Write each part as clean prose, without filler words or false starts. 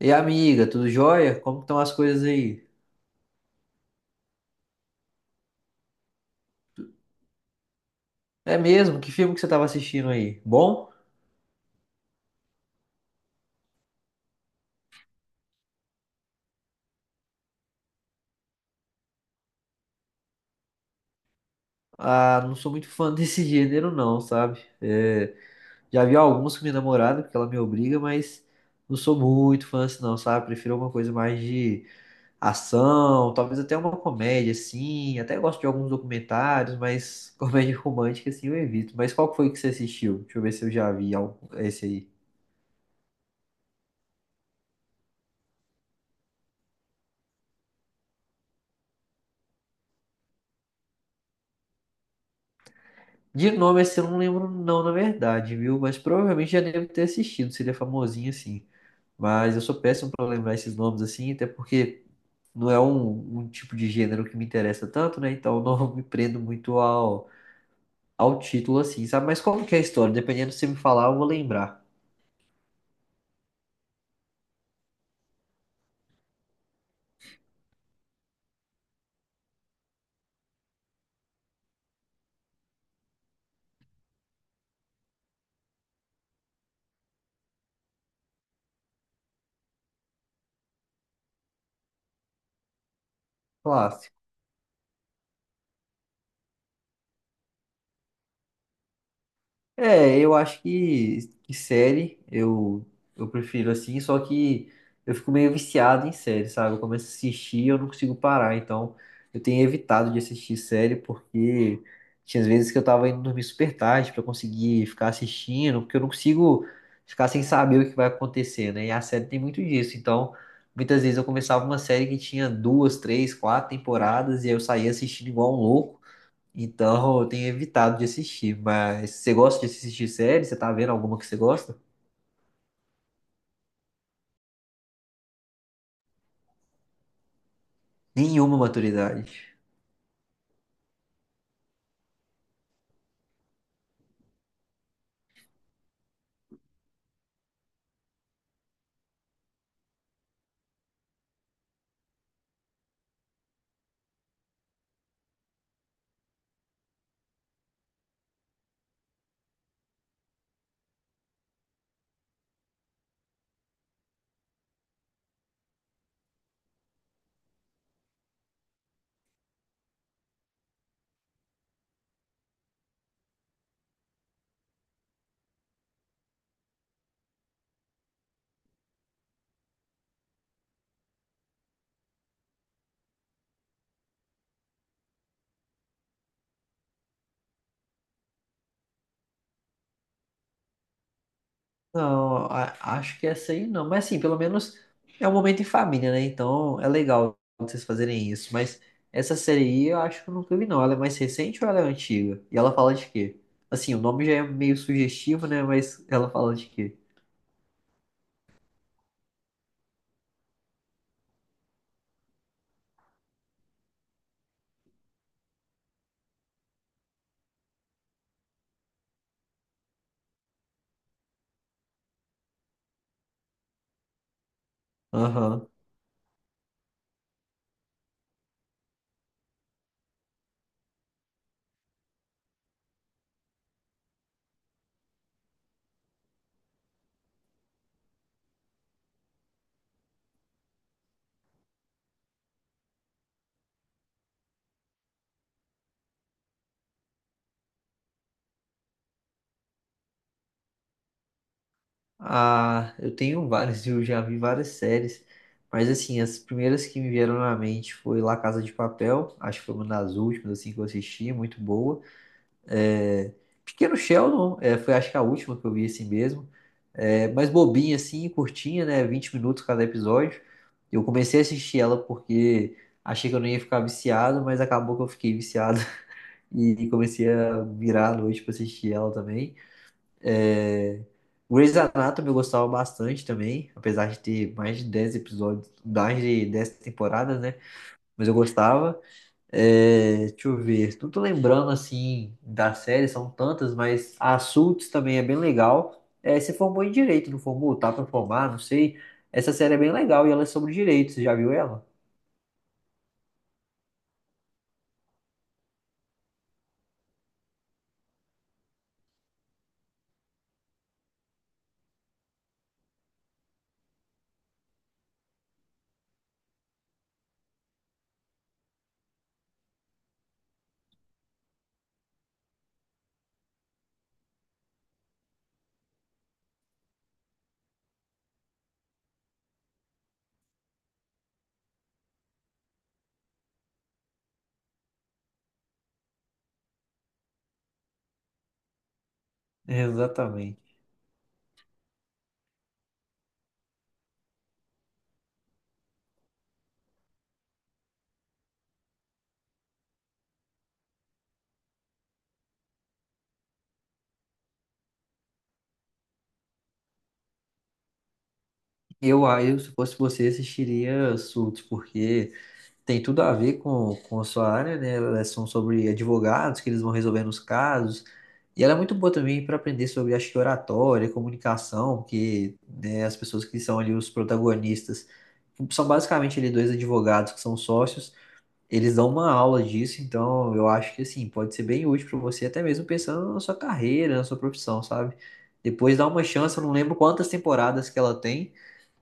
E amiga, tudo jóia? Como estão as coisas aí? É mesmo? Que filme que você estava assistindo aí? Bom? Ah, não sou muito fã desse gênero não, sabe? É, já vi alguns com minha namorada, porque ela me obriga, mas não sou muito fã assim não, sabe? Prefiro alguma coisa mais de ação, talvez até uma comédia, assim. Até gosto de alguns documentários, mas comédia romântica, assim, eu evito. Mas qual que foi que você assistiu? Deixa eu ver se eu já vi esse aí. De nome assim eu não lembro não, na verdade, viu? Mas provavelmente já devo ter assistido, se ele é famosinho assim. Mas eu sou péssimo pra lembrar esses nomes assim, até porque não é um tipo de gênero que me interessa tanto, né? Então eu não me prendo muito ao, ao título assim, sabe? Mas como que é a história? Dependendo do que você me falar, eu vou lembrar. Claro. É, eu acho que, que série eu prefiro assim, só que eu fico meio viciado em série, sabe? Eu começo a assistir e eu não consigo parar, então eu tenho evitado de assistir série porque tinha vezes que eu tava indo dormir super tarde pra conseguir ficar assistindo, porque eu não consigo ficar sem saber o que vai acontecer, né? E a série tem muito disso, então muitas vezes eu começava uma série que tinha duas, três, quatro temporadas e aí eu saía assistindo igual um louco. Então eu tenho evitado de assistir, mas você gosta de assistir série? Você tá vendo alguma que você gosta? Nenhuma maturidade. Não, acho que essa aí não. Mas assim, pelo menos é um momento em família, né? Então é legal vocês fazerem isso. Mas essa série aí eu acho que eu nunca vi, não. Ela é mais recente ou ela é antiga? E ela fala de quê? Assim, o nome já é meio sugestivo, né? Mas ela fala de quê? Aham. Ah, eu tenho várias, eu já vi várias séries, mas assim, as primeiras que me vieram na mente foi La Casa de Papel, acho que foi uma das últimas assim que eu assisti, muito boa. É, Pequeno Sheldon, é, foi acho que a última que eu vi assim mesmo, é, mas bobinha assim, curtinha, né, 20 minutos cada episódio. Eu comecei a assistir ela porque achei que eu não ia ficar viciado, mas acabou que eu fiquei viciado e comecei a virar a noite pra assistir ela também. É... Grey's Anatomy eu gostava bastante também, apesar de ter mais de 10 episódios, mais de 10 temporadas, né? Mas eu gostava. É... Deixa eu ver, não tô lembrando assim da série, são tantas, mas a Suits também é bem legal. É, se formou em direito, não formou? Tá pra formar, não sei. Essa série é bem legal e ela é sobre direito, você já viu ela? Exatamente. Se fosse você, assistiria Suits, porque tem tudo a ver com a sua área, né? Elas são sobre advogados, que eles vão resolvendo os casos. E ela é muito boa também para aprender sobre, acho que, oratória, comunicação, porque né, as pessoas que são ali os protagonistas são basicamente ali dois advogados que são sócios. Eles dão uma aula disso, então eu acho que, assim, pode ser bem útil para você, até mesmo pensando na sua carreira, na sua profissão, sabe? Depois dá uma chance, eu não lembro quantas temporadas que ela tem,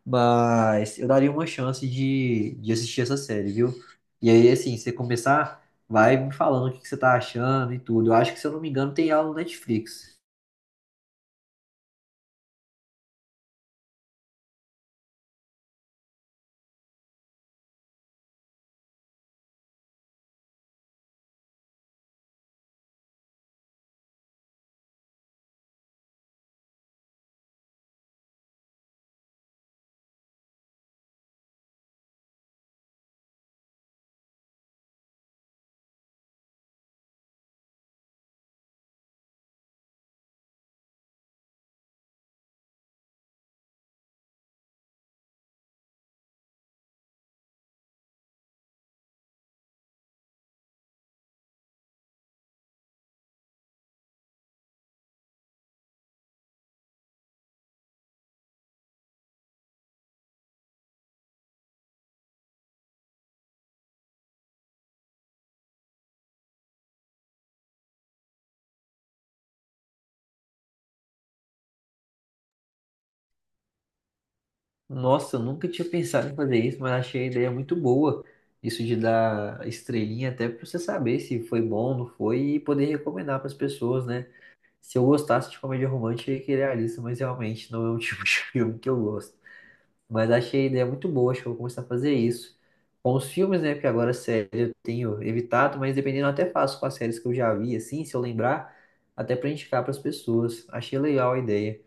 mas eu daria uma chance de assistir essa série, viu? E aí, assim, você começar, vai me falando o que que você tá achando e tudo. Eu acho que, se eu não me engano, tem aula no Netflix. Nossa, eu nunca tinha pensado em fazer isso, mas achei a ideia muito boa. Isso de dar estrelinha até pra você saber se foi bom, não foi, e poder recomendar para as pessoas, né? Se eu gostasse de comédia romântica, eu ia querer a lista, mas realmente não é um tipo de filme que eu gosto. Mas achei a ideia muito boa, acho que eu vou começar a fazer isso. Com os filmes, né? Porque agora série eu tenho evitado, mas dependendo eu até faço com as séries que eu já vi, assim, se eu lembrar, até pra indicar pras pessoas. Achei legal a ideia.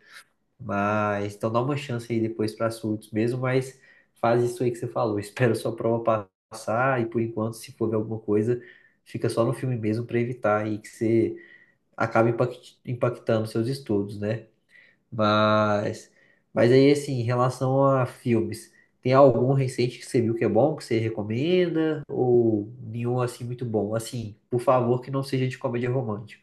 Mas então dá uma chance aí depois pra surtos mesmo, mas faz isso aí que você falou. Espera a sua prova passar e por enquanto, se for ver alguma coisa, fica só no filme mesmo pra evitar aí que você acabe impactando seus estudos, né? Mas, mas aí, assim, em relação a filmes, tem algum recente que você viu que é bom, que você recomenda? Ou nenhum, assim, muito bom? Assim, por favor, que não seja de comédia romântica.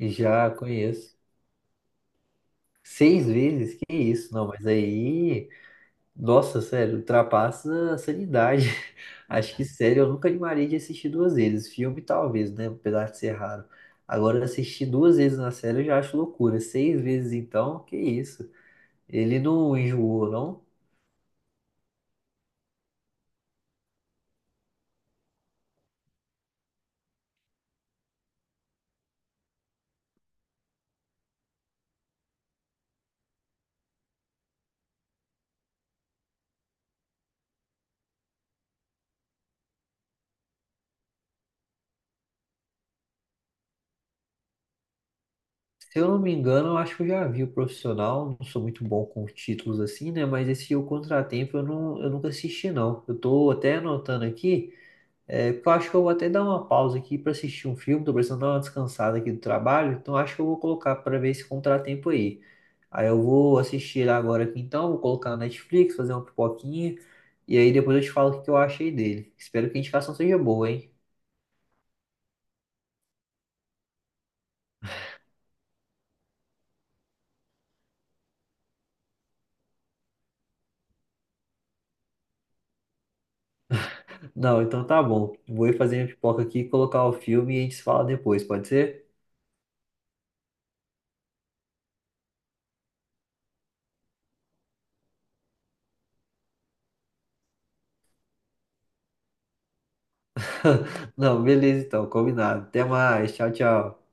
Já conheço. Seis vezes? Que isso? Não, mas aí, nossa, sério, ultrapassa a sanidade. Acho que, sério, eu nunca animaria de assistir duas vezes. Filme, talvez, né? Apesar de ser raro. Agora, assistir duas vezes na série eu já acho loucura. Seis vezes, então, que isso? Ele não enjoou, não. Se eu não me engano, eu acho que eu já vi o profissional. Não sou muito bom com títulos assim, né? Mas esse O Contratempo eu, não, eu nunca assisti, não. Eu tô até anotando aqui, é, porque eu acho que eu vou até dar uma pausa aqui para assistir um filme. Tô precisando dar uma descansada aqui do trabalho, então acho que eu vou colocar para ver esse contratempo aí. Aí eu vou assistir ele agora aqui então, vou colocar na Netflix, fazer uma pipoquinha, e aí depois eu te falo o que que eu achei dele. Espero que a indicação seja boa, hein? Não, então tá bom. Vou ir fazer minha pipoca aqui, colocar o filme e a gente se fala depois, pode ser? Não, beleza então, combinado. Até mais, tchau, tchau.